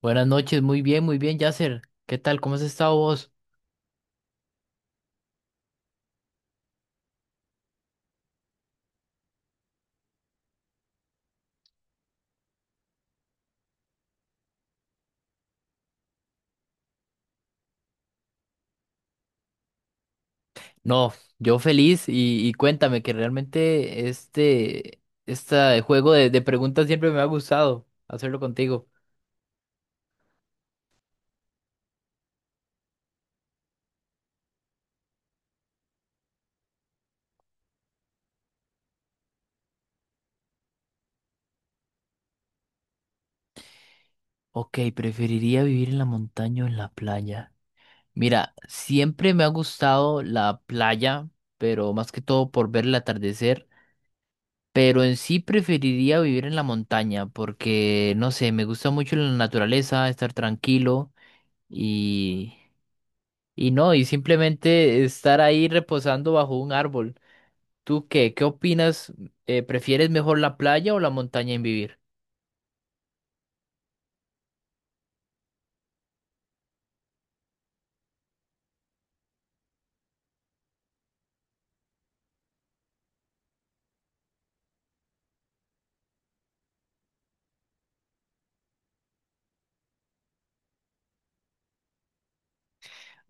Buenas noches, muy bien, Yasser. ¿Qué tal? ¿Cómo has estado vos? No, yo feliz y cuéntame que realmente este juego de preguntas siempre me ha gustado hacerlo contigo. Ok, preferiría vivir en la montaña o en la playa. Mira, siempre me ha gustado la playa, pero más que todo por ver el atardecer. Pero en sí preferiría vivir en la montaña porque, no sé, me gusta mucho la naturaleza, estar tranquilo. Y no, y simplemente estar ahí reposando bajo un árbol. ¿Tú qué? ¿Qué opinas? ¿Prefieres mejor la playa o la montaña en vivir?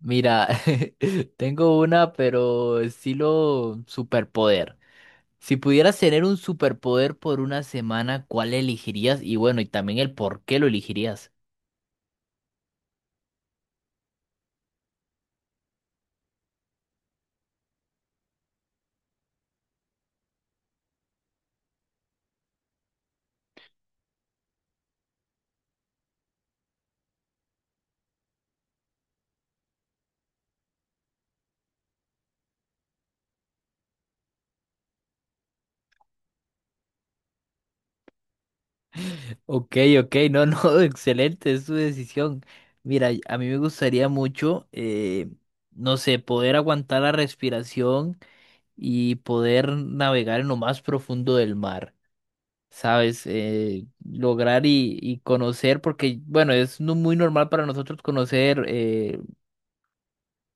Mira, tengo una, pero estilo superpoder. Si pudieras tener un superpoder por una semana, ¿cuál elegirías? Y bueno, y también el por qué lo elegirías. Ok, ok, no, no, excelente, es tu decisión. Mira, a mí me gustaría mucho, no sé, poder aguantar la respiración y poder navegar en lo más profundo del mar, ¿sabes? Lograr y conocer, porque, bueno, es no muy normal para nosotros conocer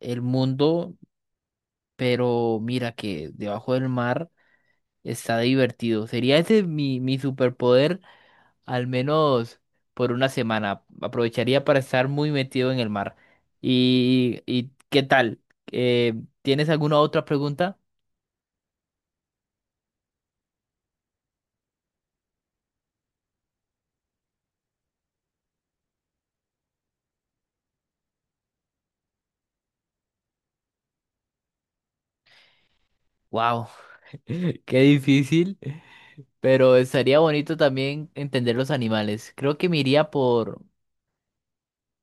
el mundo, pero mira que debajo del mar está divertido. Sería ese mi superpoder, al menos por una semana. Aprovecharía para estar muy metido en el mar. Y qué tal? Eh, ¿Tienes alguna otra pregunta? Wow, qué difícil. Pero estaría bonito también entender los animales. Creo que me iría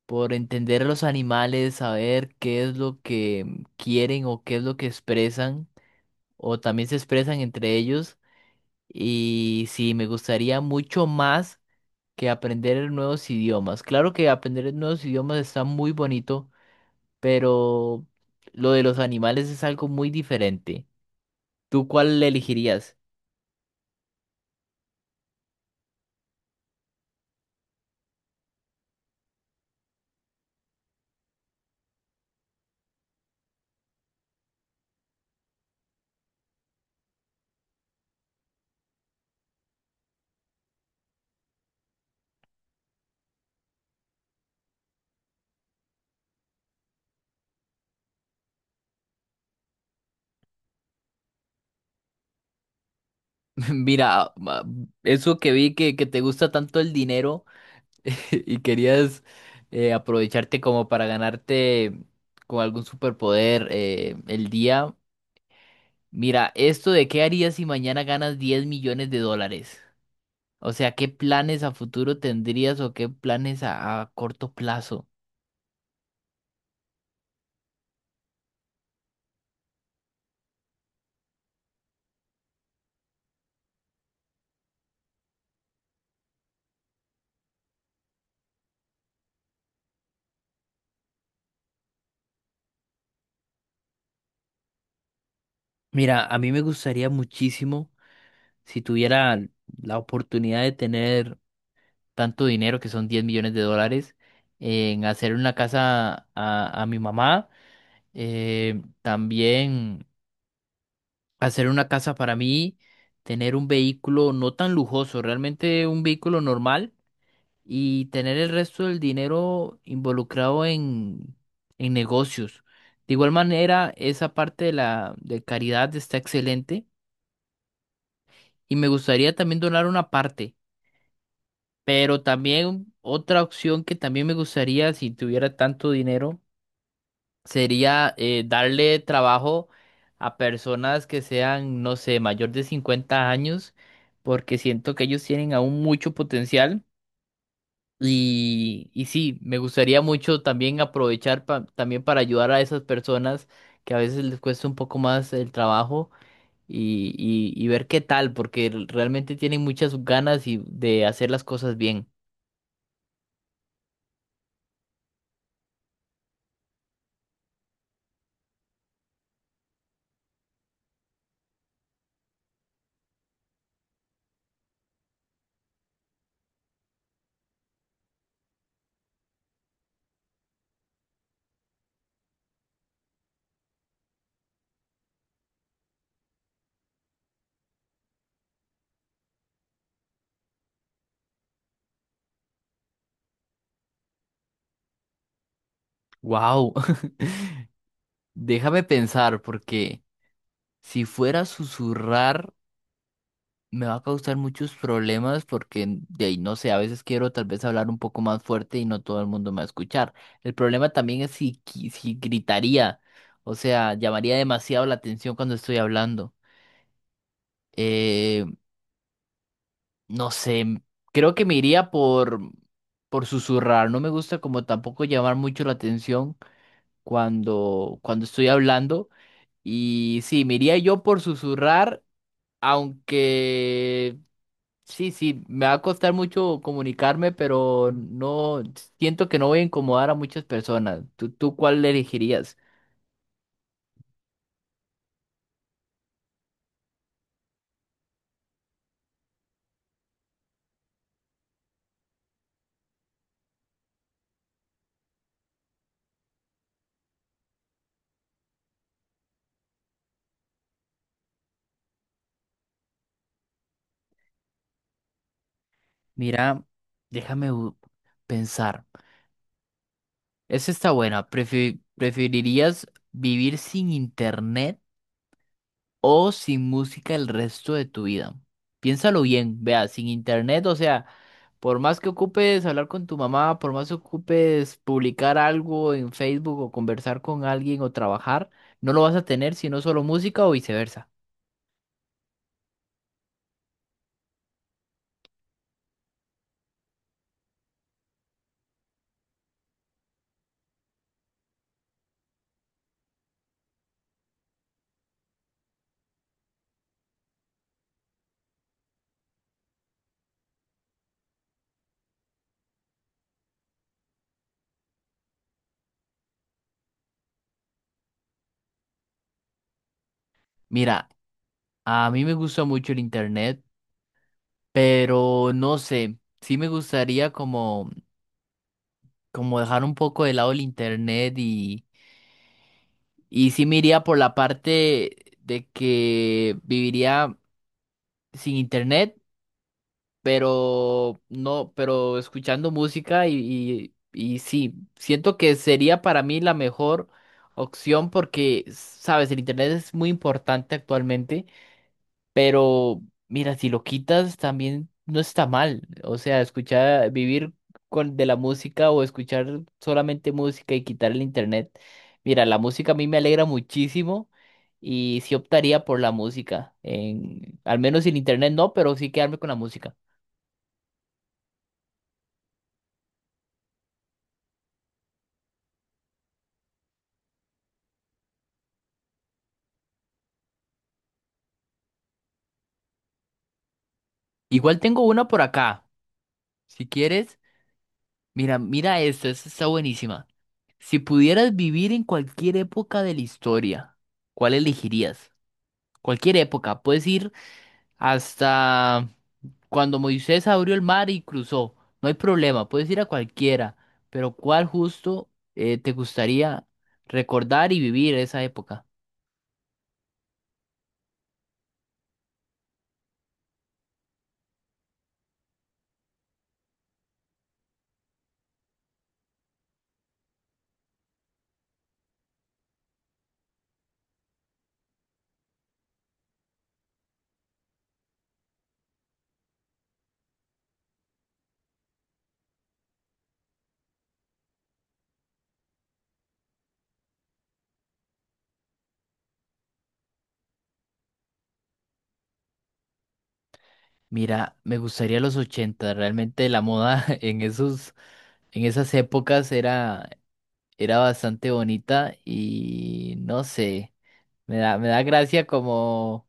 por entender los animales, saber qué es lo que quieren o qué es lo que expresan, o también se expresan entre ellos. Y sí, me gustaría mucho más que aprender nuevos idiomas. Claro que aprender nuevos idiomas está muy bonito, pero lo de los animales es algo muy diferente. ¿Tú cuál elegirías? Mira, ah, eso que vi que te gusta tanto el dinero. Y querías aprovecharte como para ganarte con algún superpoder el día. Mira, esto de qué harías si mañana ganas $10,000,000. O sea, ¿qué planes a futuro tendrías o qué planes a corto plazo? Mira, a mí me gustaría muchísimo si tuviera la oportunidad de tener tanto dinero, que son $10,000,000, en hacer una casa a mi mamá. También hacer una casa para mí, tener un vehículo no tan lujoso, realmente un vehículo normal y tener el resto del dinero involucrado en negocios. De igual manera, esa parte de la de caridad está excelente y me gustaría también donar una parte, pero también otra opción que también me gustaría si tuviera tanto dinero sería darle trabajo a personas que sean, no sé, mayor de 50 años, porque siento que ellos tienen aún mucho potencial. Y sí, me gustaría mucho también aprovechar también para ayudar a esas personas que a veces les cuesta un poco más el trabajo y ver qué tal, porque realmente tienen muchas ganas y de hacer las cosas bien. ¡Wow! Déjame pensar, porque si fuera a susurrar me va a causar muchos problemas porque de ahí no sé, a veces quiero tal vez hablar un poco más fuerte y no todo el mundo me va a escuchar. El problema también es si, si gritaría, o sea, llamaría demasiado la atención cuando estoy hablando. Eh, no sé, creo que me iría por susurrar, no me gusta como tampoco llamar mucho la atención cuando, cuando estoy hablando y sí, me iría yo por susurrar, aunque... Sí, sí, me va a costar mucho comunicarme, pero no siento que no voy a incomodar a muchas personas. ¿Tú, tú cuál elegirías? Mira, déjame pensar. Esa está buena. ¿Preferirías vivir sin internet o sin música el resto de tu vida? Piénsalo bien, vea, sin internet, o sea, por más que ocupes hablar con tu mamá, por más que ocupes publicar algo en Facebook o conversar con alguien o trabajar, no lo vas a tener sino solo música o viceversa. Mira, a mí me gusta mucho el internet, pero no sé, sí me gustaría como, como dejar un poco de lado el internet. Y sí me iría por la parte de que viviría sin internet, pero no, pero escuchando música y sí, siento que sería para mí la mejor opción porque, sabes, el internet es muy importante actualmente, pero mira, si lo quitas también no está mal. O sea, escuchar, vivir con, de la música o escuchar solamente música y quitar el internet. Mira, la música a mí me alegra muchísimo y sí optaría por la música. En, al menos sin internet no, pero sí quedarme con la música. Igual tengo una por acá. Si quieres, mira, mira esto, esta está buenísima. Si pudieras vivir en cualquier época de la historia, ¿cuál elegirías? Cualquier época, puedes ir hasta cuando Moisés abrió el mar y cruzó. No hay problema, puedes ir a cualquiera, pero ¿cuál justo te gustaría recordar y vivir esa época? Mira, me gustaría los 80. Realmente la moda en esos, en esas épocas era, era bastante bonita y no sé, me da gracia como.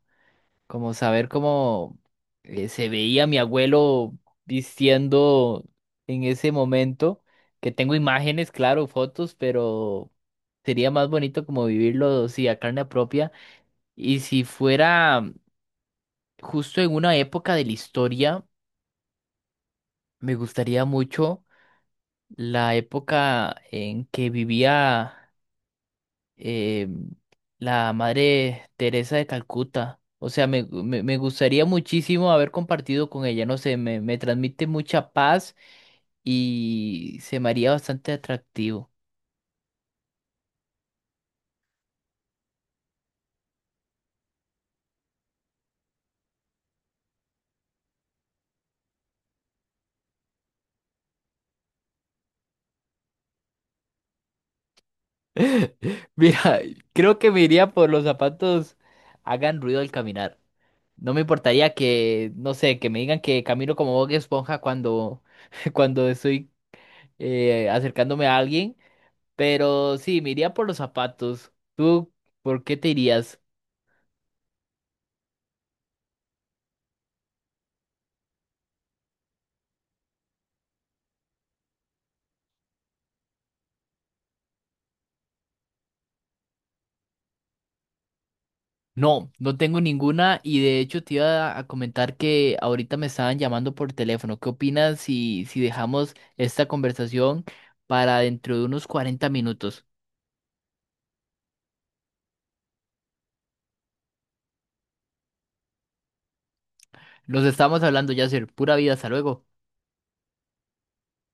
Como saber cómo se veía mi abuelo vistiendo en ese momento, que tengo imágenes, claro, fotos, pero sería más bonito como vivirlo, sí, a carne propia. Y si fuera justo en una época de la historia, me gustaría mucho la época en que vivía eh, la madre Teresa de Calcuta. O sea, me, me gustaría muchísimo haber compartido con ella. No sé, me transmite mucha paz y se me haría bastante atractivo. Mira, creo que me iría por los zapatos hagan ruido al caminar. No me importaría que, no sé, que me digan que camino como Bob Esponja cuando, cuando estoy acercándome a alguien. Pero sí, me iría por los zapatos. ¿Tú por qué te irías? No, no tengo ninguna y de hecho te iba a comentar que ahorita me estaban llamando por teléfono. ¿Qué opinas si, si dejamos esta conversación para dentro de unos 40 minutos? Nos estamos hablando, Yasser. Pura vida, hasta luego.